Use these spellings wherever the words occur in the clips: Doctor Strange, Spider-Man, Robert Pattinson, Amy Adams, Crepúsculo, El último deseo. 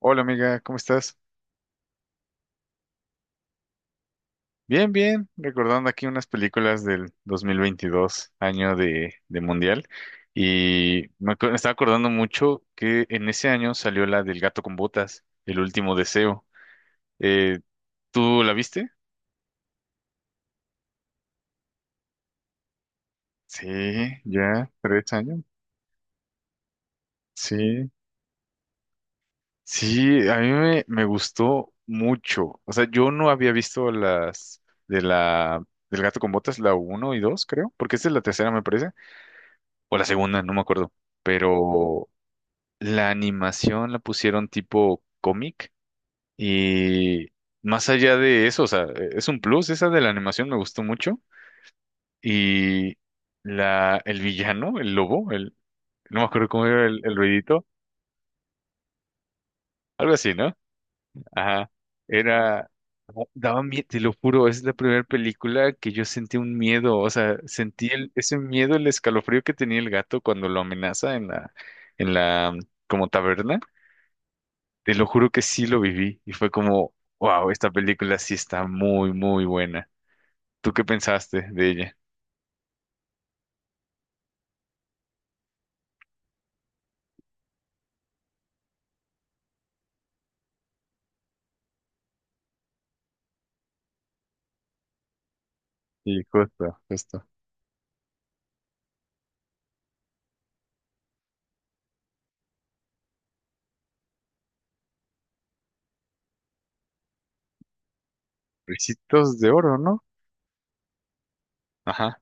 Hola amiga, ¿cómo estás? Bien, bien, recordando aquí unas películas del 2022, año de Mundial, y me estaba acordando mucho que en ese año salió la del gato con botas, El último deseo. Eh, ¿Tú la viste? Sí, ya, 3 años. Sí, sí, a mí me gustó mucho. O sea, yo no había visto las de la del gato con botas, la uno y 2, creo, porque esta es la tercera, me parece, o la segunda, no me acuerdo. Pero la animación la pusieron tipo cómic y más allá de eso, o sea, es un plus, esa de la animación me gustó mucho y el villano, no me acuerdo cómo era el ruidito, algo así, ¿no? Ajá, era, oh, daba miedo, te lo juro, es la primera película que yo sentí un miedo, o sea, sentí ese miedo, el escalofrío que tenía el gato cuando lo amenaza en la, como taberna. Te lo juro que sí lo viví y fue como, wow, esta película sí está muy, muy buena. ¿Tú qué pensaste de ella? Sí, justo, justo. Ricitos de oro, ¿no? Ajá.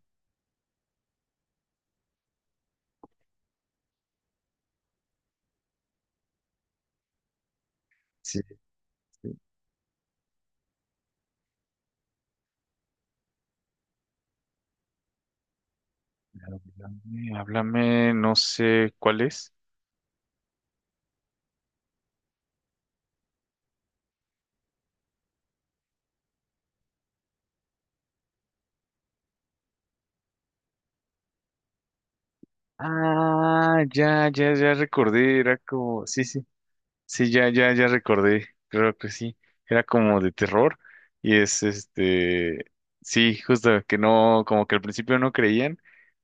Sí, sí. Háblame, háblame, no sé cuál es. Ah, ya, ya, ya recordé, era como, sí, sí, sí, ya, ya, ya recordé, creo que sí. Era como de terror y es este, sí, justo que no, como que al principio no creían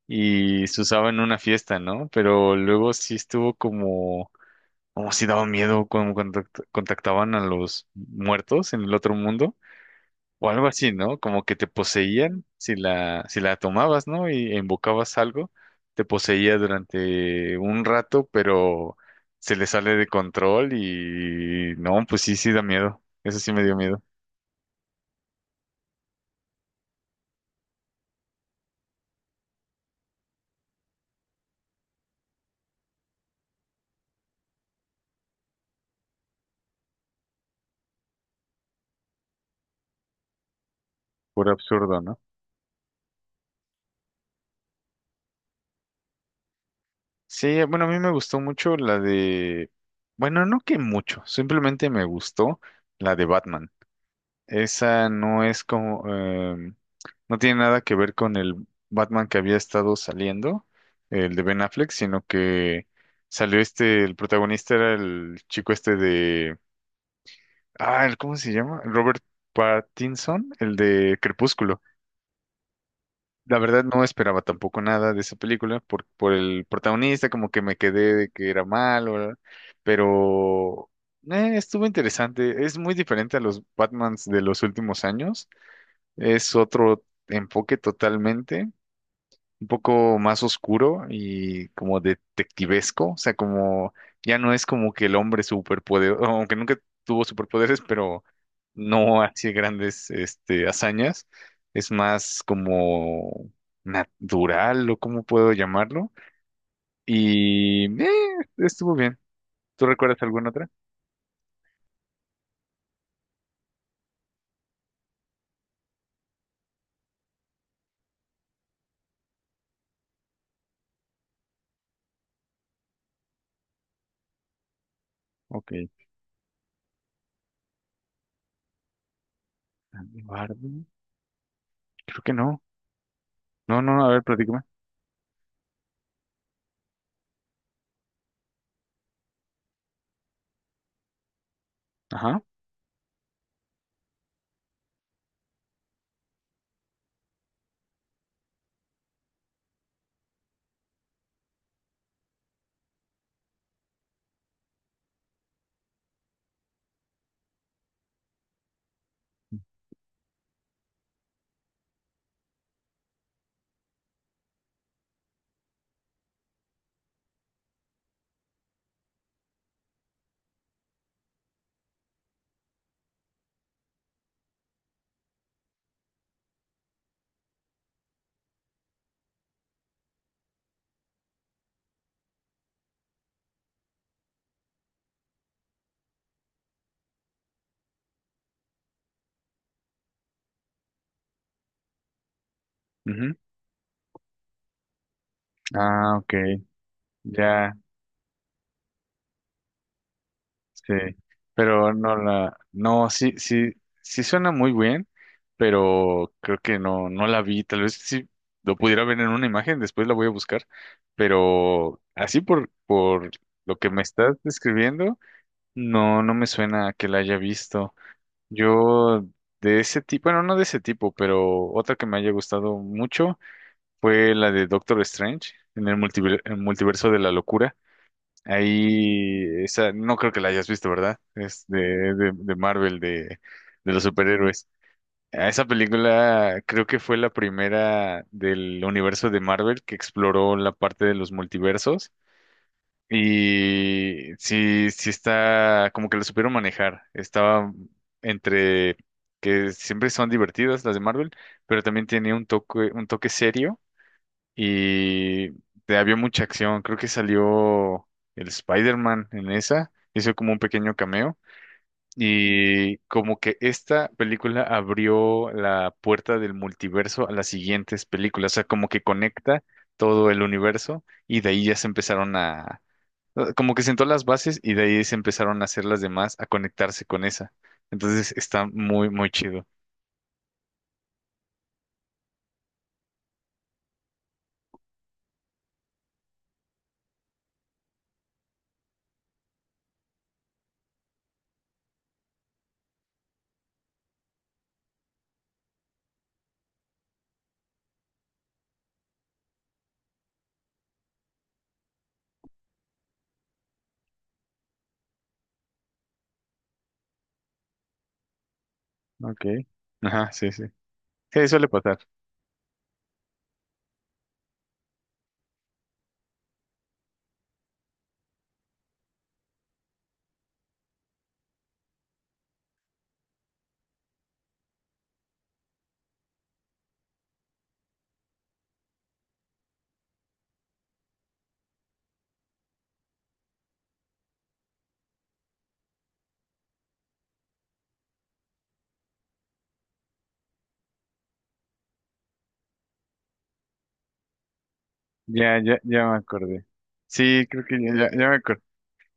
y se usaba en una fiesta, ¿no? Pero luego sí estuvo como, como si daba miedo como cuando contactaban a los muertos en el otro mundo o algo así, ¿no? Como que te poseían si la tomabas, ¿no? Y invocabas algo, te poseía durante un rato, pero se le sale de control y no, pues sí, sí da miedo. Eso sí me dio miedo. Puro absurdo, ¿no? Sí, bueno, a mí me gustó mucho bueno, no que mucho, simplemente me gustó la de Batman. Esa no es como, no tiene nada que ver con el Batman que había estado saliendo, el de Ben Affleck, sino que salió este, el protagonista era el chico este de, ah, ¿cómo se llama? Robert Pattinson, el de Crepúsculo. La verdad no esperaba tampoco nada de esa película por el protagonista, como que me quedé de que era malo, ¿verdad? Pero estuvo interesante. Es muy diferente a los Batmans de los últimos años, es otro enfoque totalmente, un poco más oscuro y como detectivesco, o sea, como ya no es como que el hombre superpoderoso, aunque nunca tuvo superpoderes, pero no hacía grandes hazañas, es más como natural o cómo puedo llamarlo, y estuvo bien. ¿Tú recuerdas alguna otra? Ok. Eduardo, creo que no. No, no, a ver, platícame. Ajá. Ujú. Ah, ok. Ya. Sí, pero no la, no, sí, sí, sí suena muy bien, pero creo que no, no la vi. Tal vez sí lo pudiera ver en una imagen, después la voy a buscar, pero así por lo que me estás describiendo, no, no me suena a que la haya visto. Yo de ese tipo, bueno, no de ese tipo, pero otra que me haya gustado mucho fue la de Doctor Strange en el el multiverso de la locura. Ahí, esa, no creo que la hayas visto, ¿verdad? Es de Marvel, de los superhéroes. Ah, esa película creo que fue la primera del universo de Marvel que exploró la parte de los multiversos. Y sí, sí está, como que lo supieron manejar. Estaba entre que siempre son divertidas las de Marvel, pero también tiene un toque serio y había mucha acción. Creo que salió el Spider-Man en esa, hizo como un pequeño cameo y como que esta película abrió la puerta del multiverso a las siguientes películas, o sea, como que conecta todo el universo y de ahí ya se empezaron a, como que sentó las bases y de ahí se empezaron a hacer las demás a conectarse con esa. Entonces está muy, muy chido. Ok. Ajá, sí, sí. Sí, suele pasar. Ya, ya, ya me acordé. Sí, creo que ya, ya, ya me acordé.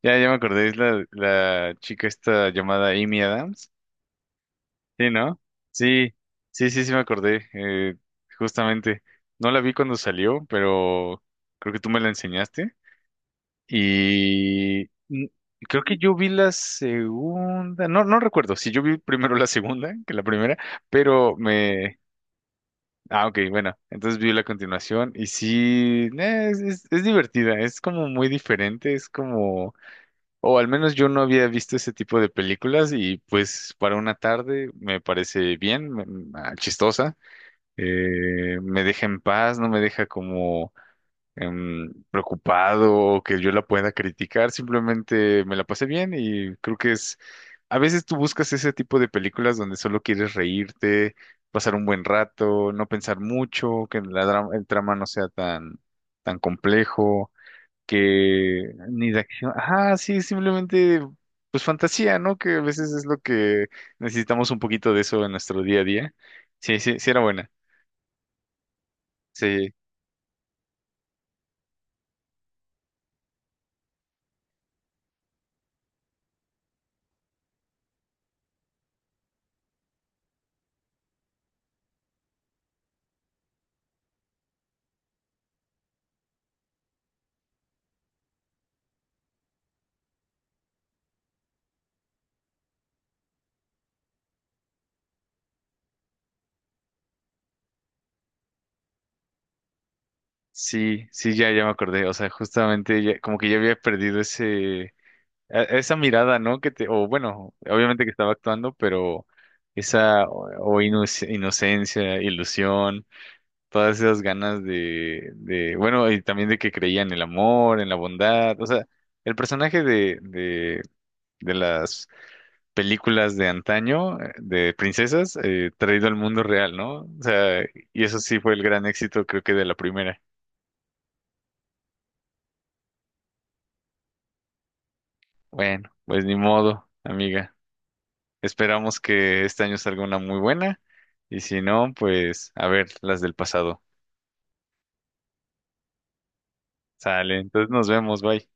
Ya, ya me acordé. Es la chica esta llamada Amy Adams. Sí, ¿no? Sí, sí, sí, sí me acordé. Justamente. No la vi cuando salió, pero creo que tú me la enseñaste. Y creo que yo vi la segunda. No, no recuerdo si yo vi primero la segunda que la primera, pero me, ah, ok, bueno, entonces vi la continuación y sí, es divertida, es como muy diferente, es como, o al menos yo no había visto ese tipo de películas y pues para una tarde me parece bien, ah, chistosa, me deja en paz, no me deja como preocupado o que yo la pueda criticar, simplemente me la pasé bien y creo que es, a veces tú buscas ese tipo de películas donde solo quieres reírte, pasar un buen rato, no pensar mucho, que el trama no sea tan, tan complejo, que ni de acción, ah, sí, simplemente pues fantasía, ¿no? Que a veces es lo que necesitamos un poquito de eso en nuestro día a día. Sí, sí, sí era buena. Sí. Sí, sí, ya, ya me acordé. O sea, como que ya había perdido ese, esa mirada, ¿no? Que te, o bueno, obviamente que estaba actuando, pero esa o, inocencia, ilusión, todas esas ganas de bueno, y también de que creía en el amor, en la bondad. O sea, el personaje de las películas de antaño, de princesas, traído al mundo real, ¿no? O sea, y eso sí fue el gran éxito, creo que de la primera. Bueno, pues ni modo, amiga. Esperamos que este año salga una muy buena y si no, pues a ver las del pasado. Sale, entonces nos vemos, bye.